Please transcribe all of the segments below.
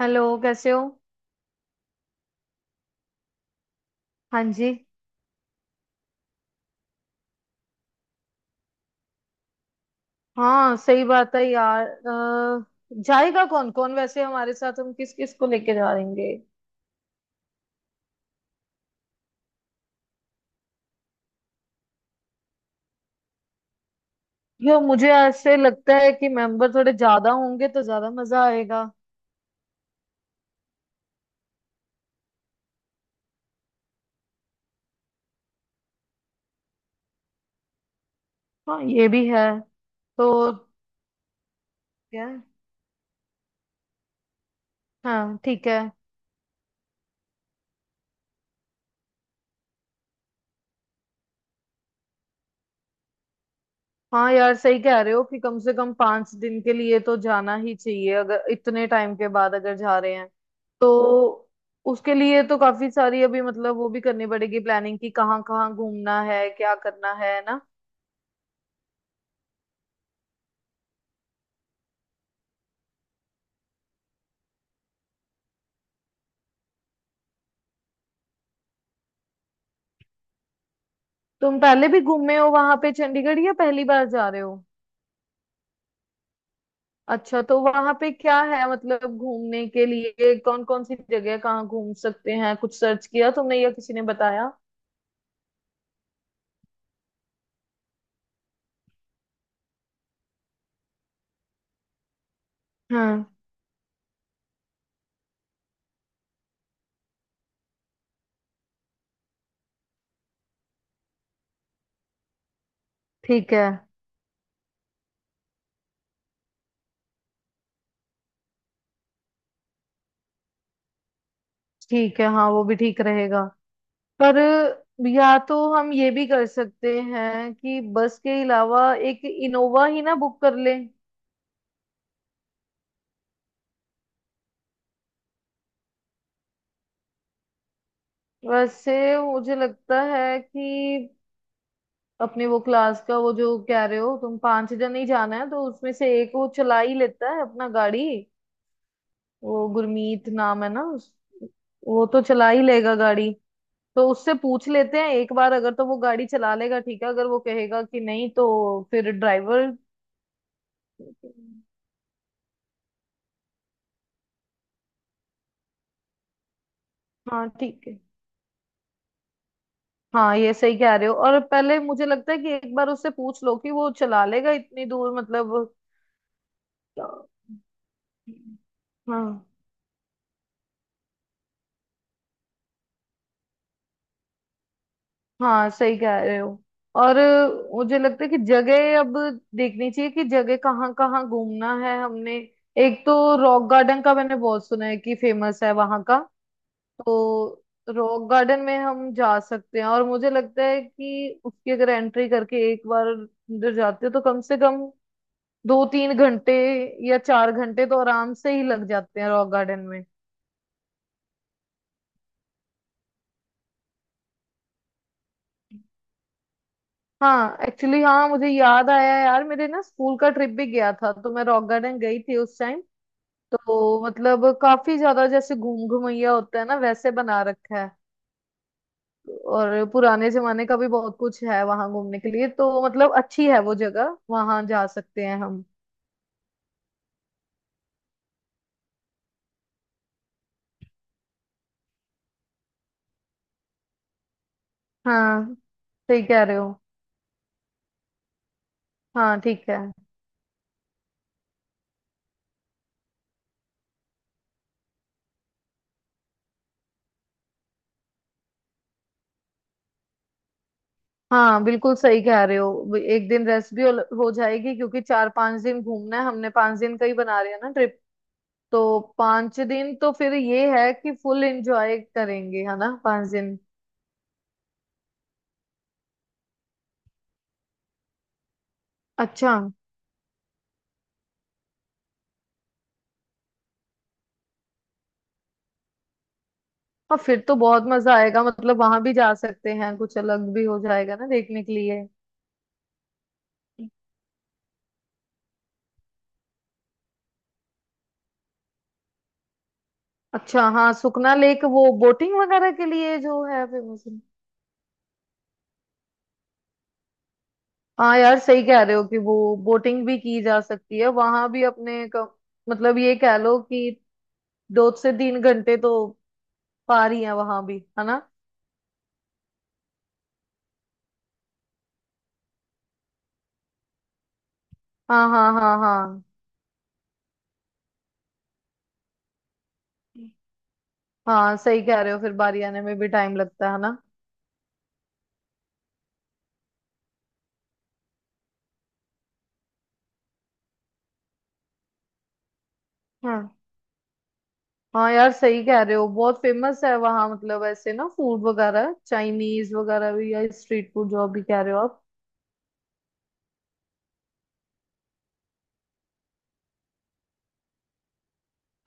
Hello कैसे हो। हाँ जी। हाँ सही बात है यार जाएगा कौन कौन वैसे हमारे साथ, हम किस किस को लेके जा रहेंगे। यो मुझे ऐसे लगता है कि मेंबर थोड़े ज्यादा होंगे तो ज्यादा मजा आएगा। हाँ ये भी है। तो। क्या। हाँ ठीक है। हाँ यार सही कह रहे हो कि कम से कम 5 दिन के लिए तो जाना ही चाहिए, अगर इतने टाइम के बाद अगर जा रहे हैं तो। उसके लिए तो काफी सारी अभी मतलब वो भी करनी पड़ेगी प्लानिंग कि कहाँ कहाँ घूमना है, क्या करना है ना। तुम पहले भी घूमे हो वहां पे चंडीगढ़, या पहली बार जा रहे हो। अच्छा तो वहां पे क्या है, मतलब घूमने के लिए कौन कौन सी जगह है, कहाँ घूम सकते हैं, कुछ सर्च किया तुमने या किसी ने बताया। हाँ ठीक है। ठीक है। हाँ, वो भी ठीक रहेगा। पर या तो हम ये भी कर सकते हैं कि बस के अलावा एक इनोवा ही ना बुक कर लें। वैसे मुझे लगता है कि अपने वो क्लास का, वो जो कह रहे हो तुम पांच जन ही जाना है, तो उसमें से एक वो चला ही लेता है अपना गाड़ी। वो गुरमीत नाम है ना उस। वो तो चला ही लेगा गाड़ी। तो उससे पूछ लेते हैं एक बार, अगर तो वो गाड़ी चला लेगा ठीक है, अगर वो कहेगा कि नहीं तो फिर ड्राइवर। हाँ ठीक है। हाँ ये सही कह रहे हो, और पहले मुझे लगता है कि एक बार उससे पूछ लो कि वो चला लेगा इतनी दूर मतलब। हाँ हाँ सही कह रहे हो। और मुझे लगता है कि जगह अब देखनी चाहिए, कि जगह कहाँ कहाँ घूमना है हमने। एक तो रॉक गार्डन का मैंने बहुत सुना है कि फेमस है वहाँ का। तो रॉक गार्डन में हम जा सकते हैं, और मुझे लगता है कि उसकी अगर एंट्री करके एक बार अंदर जाते हो तो कम से कम 2-3 घंटे या 4 घंटे तो आराम से ही लग जाते हैं रॉक गार्डन में। हाँ एक्चुअली, हाँ मुझे याद आया यार, मेरे ना स्कूल का ट्रिप भी गया था तो मैं रॉक गार्डन गई थी उस टाइम। तो मतलब काफी ज्यादा, जैसे घूम घूमैया होता है ना, वैसे बना रखा है। और पुराने जमाने का भी बहुत कुछ है वहां घूमने के लिए, तो मतलब अच्छी है वो जगह, वहां जा सकते हैं हम। हाँ सही कह रहे हो। हाँ ठीक है। हाँ बिल्कुल सही कह रहे हो, एक दिन रेस्ट भी हो जाएगी क्योंकि 4-5 दिन घूमना है हमने, 5 दिन का ही बना रहे हैं ना ट्रिप। तो 5 दिन तो फिर ये है कि फुल एंजॉय करेंगे, है ना 5 दिन। अच्छा। हाँ फिर तो बहुत मजा आएगा, मतलब वहां भी जा सकते हैं, कुछ अलग भी हो जाएगा ना देखने के लिए। अच्छा हाँ, सुखना लेक वो बोटिंग वगैरह के लिए जो है फेमस। हाँ यार सही कह रहे हो कि वो बोटिंग भी की जा सकती है, वहां भी मतलब ये कह लो कि 2 से 3 घंटे तो पार ही है वहां भी, है ना। हाँ हाँ हाँ हाँ। हाँ सही कह रहे हो, फिर बारी आने में भी टाइम लगता है ना। हाँ। हाँ यार सही कह रहे हो, बहुत फेमस है वहाँ मतलब, ऐसे ना फूड वगैरह, चाइनीज वगैरह भी, या स्ट्रीट फूड जो अभी कह रहे हो आप।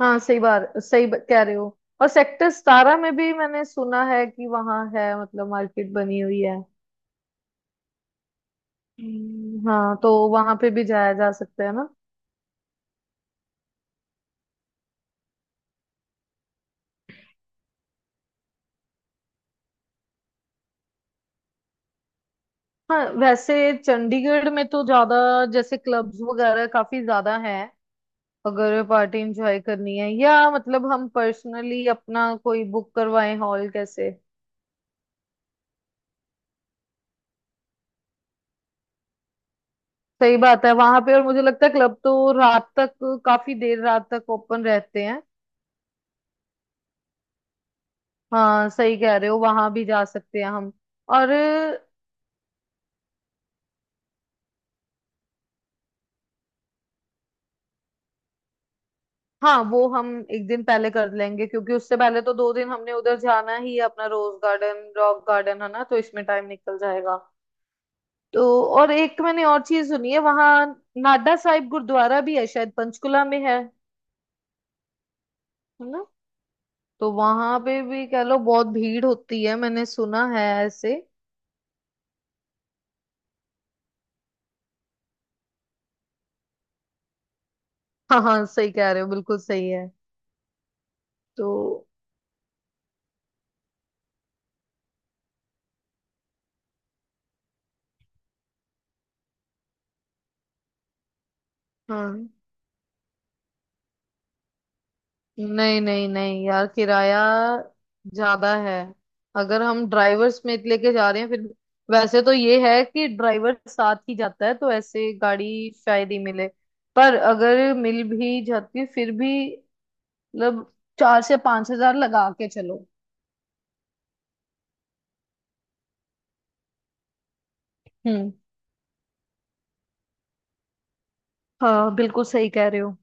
हाँ सही बार सही ब- कह रहे हो। और सेक्टर 17 में भी मैंने सुना है कि वहाँ है मतलब, मार्केट बनी हुई है। हाँ तो वहां पे भी जाया जा सकता है ना। हाँ वैसे चंडीगढ़ में तो ज्यादा जैसे क्लब्स वगैरह काफी ज्यादा हैं। अगर पार्टी एंजॉय करनी है, या मतलब हम पर्सनली अपना कोई बुक करवाएं हॉल कैसे। सही बात है वहां पे, और मुझे लगता है क्लब तो रात तक, काफी देर रात तक ओपन रहते हैं। हाँ सही कह रहे हो, वहां भी जा सकते हैं हम। और। हाँ वो हम एक दिन पहले कर लेंगे, क्योंकि उससे पहले तो 2 दिन हमने उधर जाना ही है अपना, रोज गार्डन रॉक गार्डन है ना, तो इसमें टाइम निकल जाएगा। तो। और एक मैंने और चीज सुनी है वहां, नाडा साहिब गुरुद्वारा भी है शायद, पंचकुला में है ना। तो वहां पे भी कह लो बहुत भीड़ होती है, मैंने सुना है ऐसे। हाँ हाँ सही कह रहे हो, बिल्कुल सही है। तो। हाँ नहीं नहीं नहीं यार, किराया ज्यादा है। अगर हम ड्राइवर समेत लेके जा रहे हैं फिर, वैसे तो ये है कि ड्राइवर साथ ही जाता है, तो ऐसे गाड़ी शायद ही मिले। पर अगर मिल भी जाती है फिर भी मतलब, 4 से 5 हजार लगा के चलो। हम्म। हाँ बिल्कुल सही कह रहे हो।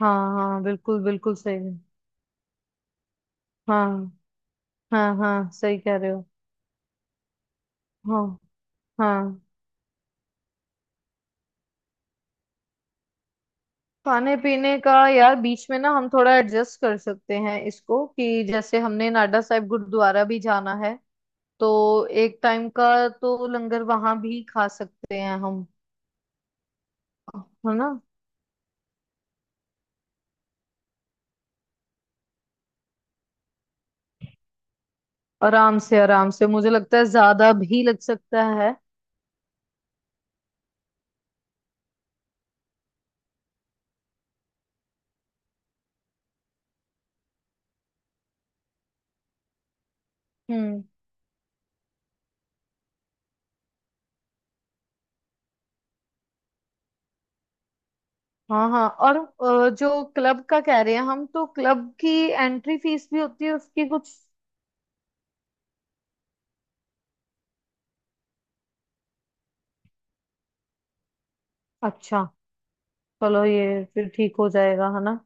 हाँ हाँ बिल्कुल बिल्कुल सही। हाँ हाँ हाँ सही कह रहे हो। हाँ हाँ। खाने पीने का यार बीच में ना हम थोड़ा एडजस्ट कर सकते हैं इसको, कि जैसे हमने नाडा साहिब गुरुद्वारा भी जाना है, तो एक टाइम का तो लंगर वहां भी खा सकते हैं हम, है ना। आराम से आराम से, मुझे लगता है ज्यादा भी लग सकता है। हम्म। हाँ हाँ, और जो क्लब का कह रहे हैं हम, तो क्लब की एंट्री फीस भी होती है उसकी कुछ। अच्छा। चलो ये फिर ठीक हो जाएगा है ना।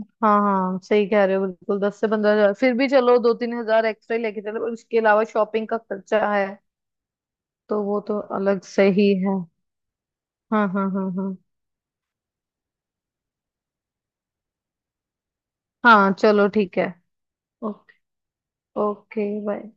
हाँ हाँ सही कह रहे हो, बिल्कुल 10 से 15 हजार, फिर भी चलो 2-3 हजार एक्स्ट्रा ही लेके चलो, और इसके अलावा शॉपिंग का खर्चा है, तो वो तो अलग से ही है। हाँ हाँ हाँ हाँ। हाँ चलो ठीक है। ओके। Okay bye.